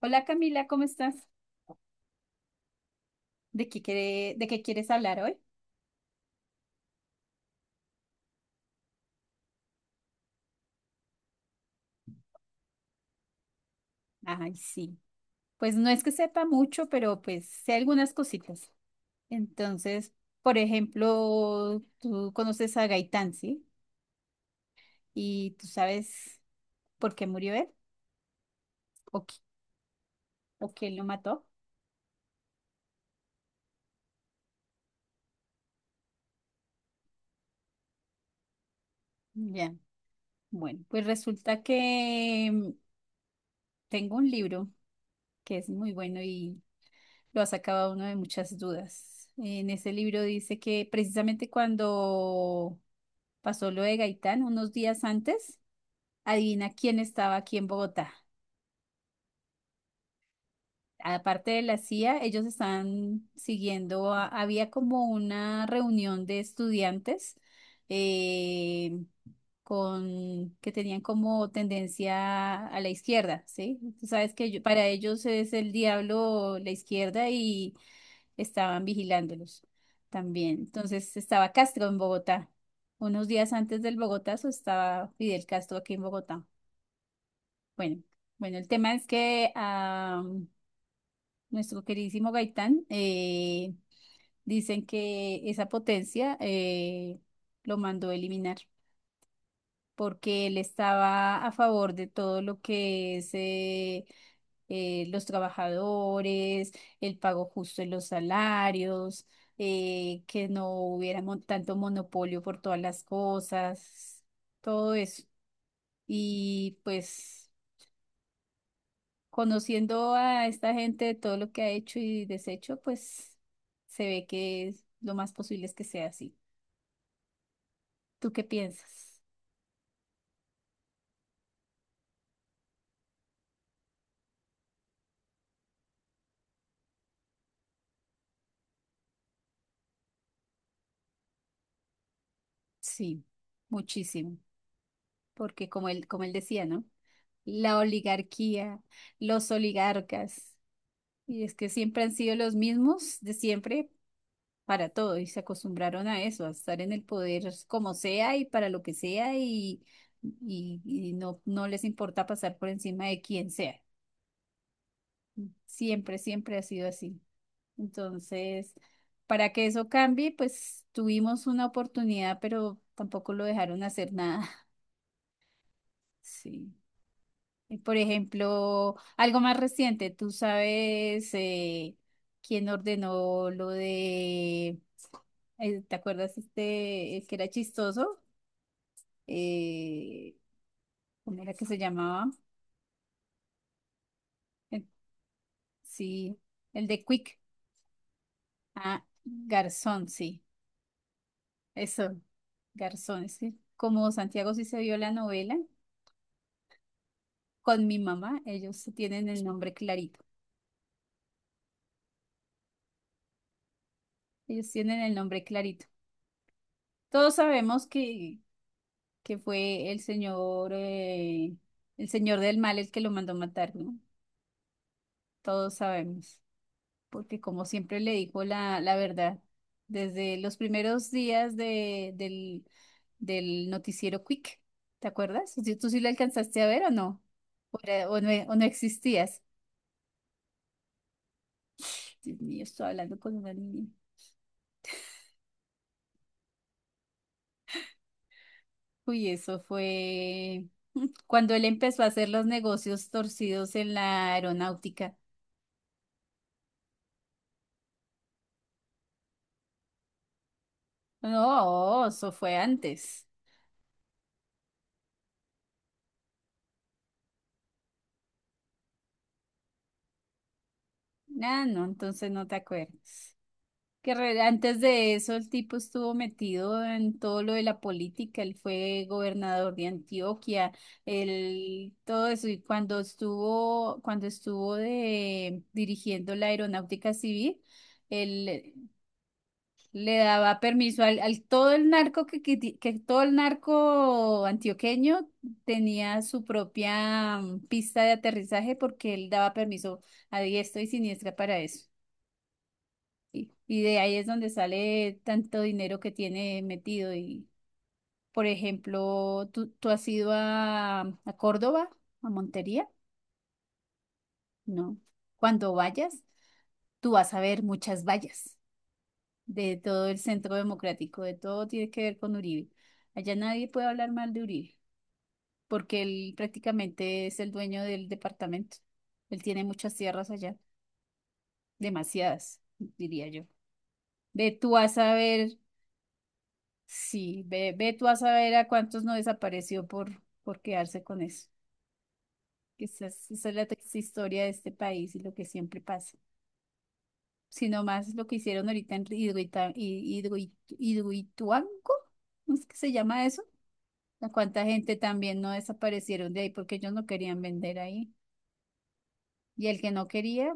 Hola Camila, ¿cómo estás? ¿De de qué quieres hablar hoy? Ay, sí. Pues no es que sepa mucho, pero pues sé algunas cositas. Entonces, por ejemplo, tú conoces a Gaitán, ¿sí? ¿Y tú sabes por qué murió él? ¿O, qui- o quién lo mató? Ya. Bueno, pues resulta que tengo un libro que es muy bueno y lo ha sacado uno de muchas dudas. En ese libro dice que precisamente cuando pasó lo de Gaitán unos días antes. Adivina quién estaba aquí en Bogotá. Aparte de la CIA, ellos estaban siguiendo, había como una reunión de estudiantes eh, con, que tenían como tendencia a la izquierda, ¿sí? Tú sabes que yo- para ellos es el diablo la izquierda y estaban vigilándolos también. Entonces estaba Castro en Bogotá. Unos días antes del Bogotazo estaba Fidel Castro aquí en Bogotá. Bueno, bueno, el tema es que a nuestro queridísimo Gaitán dicen que esa potencia lo mandó a eliminar porque él estaba a favor de todo lo que es los trabajadores, el pago justo en los salarios, que no hubiera tanto monopolio por todas las cosas, todo eso. Y pues conociendo a esta gente, todo lo que ha hecho y deshecho, pues se ve que es- lo más posible es que sea así. ¿Tú qué piensas? Sí, muchísimo, porque como él decía, ¿no? La oligarquía, los oligarcas, y es que siempre han sido los mismos de siempre para todo y se acostumbraron a eso, a estar en el poder como sea y para lo que sea y, y no, no les importa pasar por encima de quien sea. Siempre, siempre ha sido así. Entonces, para que eso cambie, pues tuvimos una oportunidad, pero tampoco lo dejaron hacer nada. Sí. Y, por ejemplo, algo más reciente, tú sabes quién ordenó lo de, ¿te acuerdas este, el que era chistoso? Eh, ¿Cómo era que se llamaba? Eh, Sí, el de Quick. Ah, Garzón, sí. Eso, Garzón. Es que como Santiago sí se vio la novela, con mi mamá, ellos tienen el nombre clarito. Ellos tienen el nombre clarito. Todos sabemos que fue el señor del mal el que lo mandó matar, ¿no? Todos sabemos, porque como siempre le dijo la, la verdad, desde los primeros días del noticiero Quick, ¿te acuerdas? ¿Tú sí lo alcanzaste a ver o no? ¿O, o no, existías? Dios mío, estoy hablando con una niña. Uy, eso fue cuando él empezó a hacer los negocios torcidos en la aeronáutica. No, eso fue antes. Ah, no, entonces no te acuerdas. Que re- antes de eso el tipo estuvo metido en todo lo de la política. Él fue gobernador de Antioquia, él, todo eso. Y cuando estuvo de, dirigiendo la aeronáutica civil, él le daba permiso al, al todo el narco que, ti- que todo el narco antioqueño tenía su propia pista de aterrizaje porque él daba permiso a diestro y siniestra para eso. Y de ahí es donde sale tanto dinero que tiene metido. Y, por ejemplo, ¿tú has ido a, Córdoba, a Montería? No. Cuando vayas, tú vas a ver muchas vallas de todo el centro democrático, de todo tiene que ver con Uribe. Allá nadie puede hablar mal de Uribe, porque él prácticamente es el dueño del departamento. Él tiene muchas tierras allá, demasiadas, diría yo. Ve tú a saber, sí, ve, ve tú a saber a cuántos no desapareció por quedarse con eso. Esa esa es la triste historia de este país y lo que siempre pasa. Sino más lo que hicieron ahorita en Hidroituango, ¿cómo es que se llama eso? ¿No? ¿Cuánta gente también no desaparecieron de ahí porque ellos no querían vender ahí? Y el que no quería,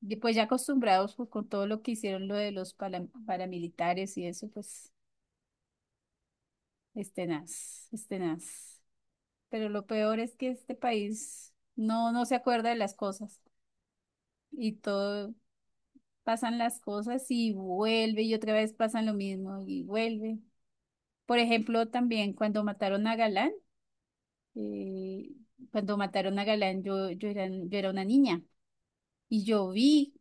y pues ya acostumbrados pues, con todo lo que hicieron lo de los paramilitares y eso, pues es tenaz, es tenaz. Pero lo peor es que este país no, no se acuerda de las cosas y todo, pasan las cosas y vuelve y otra vez pasan lo mismo y vuelve. Por ejemplo, también cuando mataron a Galán, eh, cuando mataron a Galán yo era una niña. Y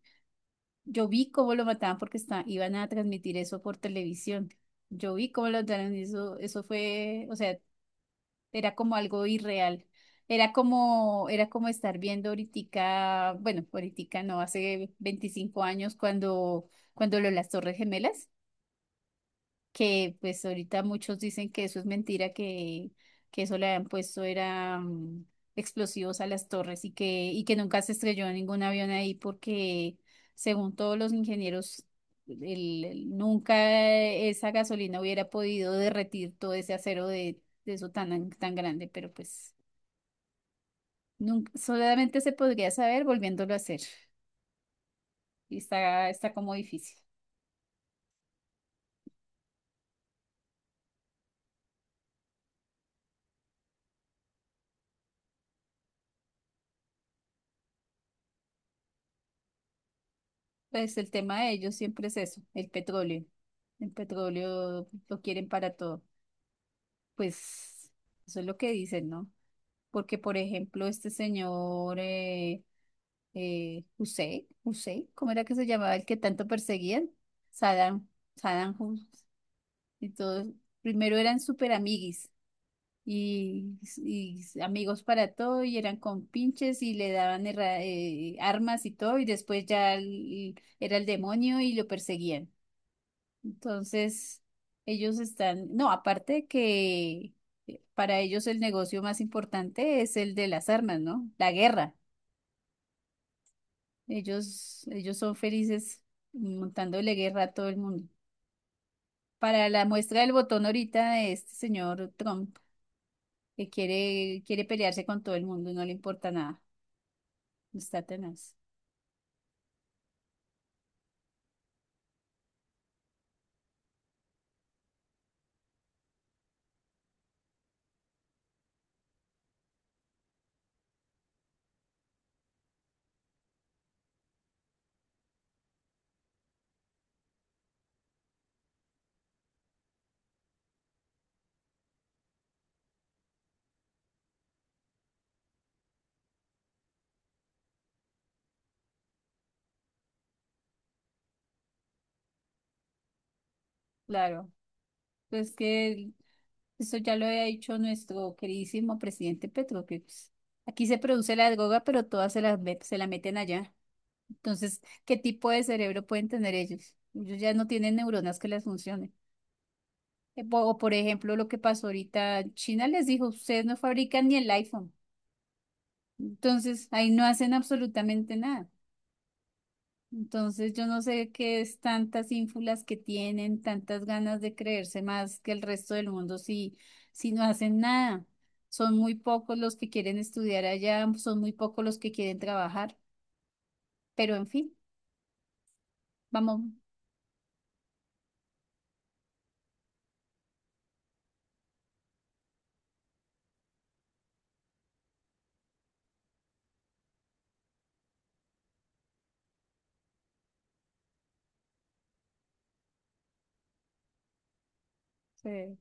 yo vi cómo lo mataban porque iban a transmitir eso por televisión. Yo vi cómo lo mataron y eso fue, o sea, era como algo irreal. Era como estar viendo ahorita, bueno, ahorita no, hace 25 años cuando, cuando lo de las Torres Gemelas que pues ahorita muchos dicen que eso es mentira, que, eso le habían puesto era explosivos a las torres y que nunca se estrelló ningún avión ahí porque según todos los ingenieros, nunca esa gasolina hubiera podido derretir todo ese acero de, eso tan, tan grande, pero pues nunca, solamente se podría saber volviéndolo a hacer y está, está como difícil. Pues el tema de ellos siempre es eso, el petróleo. El petróleo lo quieren para todo. Pues eso es lo que dicen, ¿no? Porque, por ejemplo, este señor Hussein, ¿cómo era que se llamaba el que tanto perseguían? Saddam, Saddam Hussein y todos. Primero eran súper amiguis y amigos para todo y eran con pinches y le daban armas y todo y después ya el- era el demonio y lo perseguían. Entonces, ellos están, no, aparte que para ellos el negocio más importante es el de las armas, ¿no? La guerra. Ellos son felices montándole guerra a todo el mundo. Para la muestra del botón ahorita de este señor Trump, que quiere pelearse con todo el mundo y no le importa nada. Está tenaz. Claro. Pues que eso ya lo había dicho nuestro queridísimo presidente Petro, que pues, aquí se produce la droga, pero todas se la, se la meten allá. Entonces, ¿qué tipo de cerebro pueden tener ellos? Ellos ya no tienen neuronas que les funcionen. O, por ejemplo, lo que pasó ahorita, China les dijo, ustedes no fabrican ni el iPhone. Entonces, ahí no hacen absolutamente nada. Entonces, yo no sé qué es tantas ínfulas que tienen, tantas ganas de creerse más que el resto del mundo si, si no hacen nada. Son muy pocos los que quieren estudiar allá, son muy pocos los que quieren trabajar, pero en fin, vamos. Sí.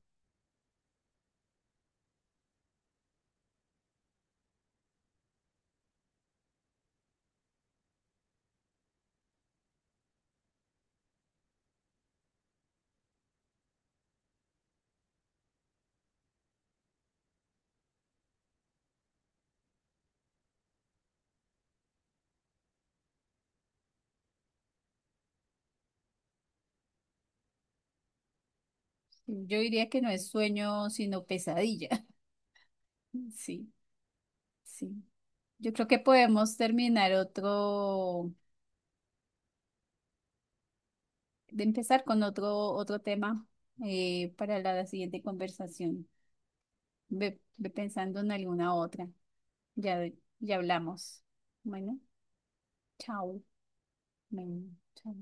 Yo diría que no es sueño, sino pesadilla. Sí, sí. Yo creo que podemos terminar otro, de empezar con otro tema para la siguiente conversación. Ve, ve pensando en alguna otra. Ya, ya hablamos. Bueno, chao. Bueno, chao.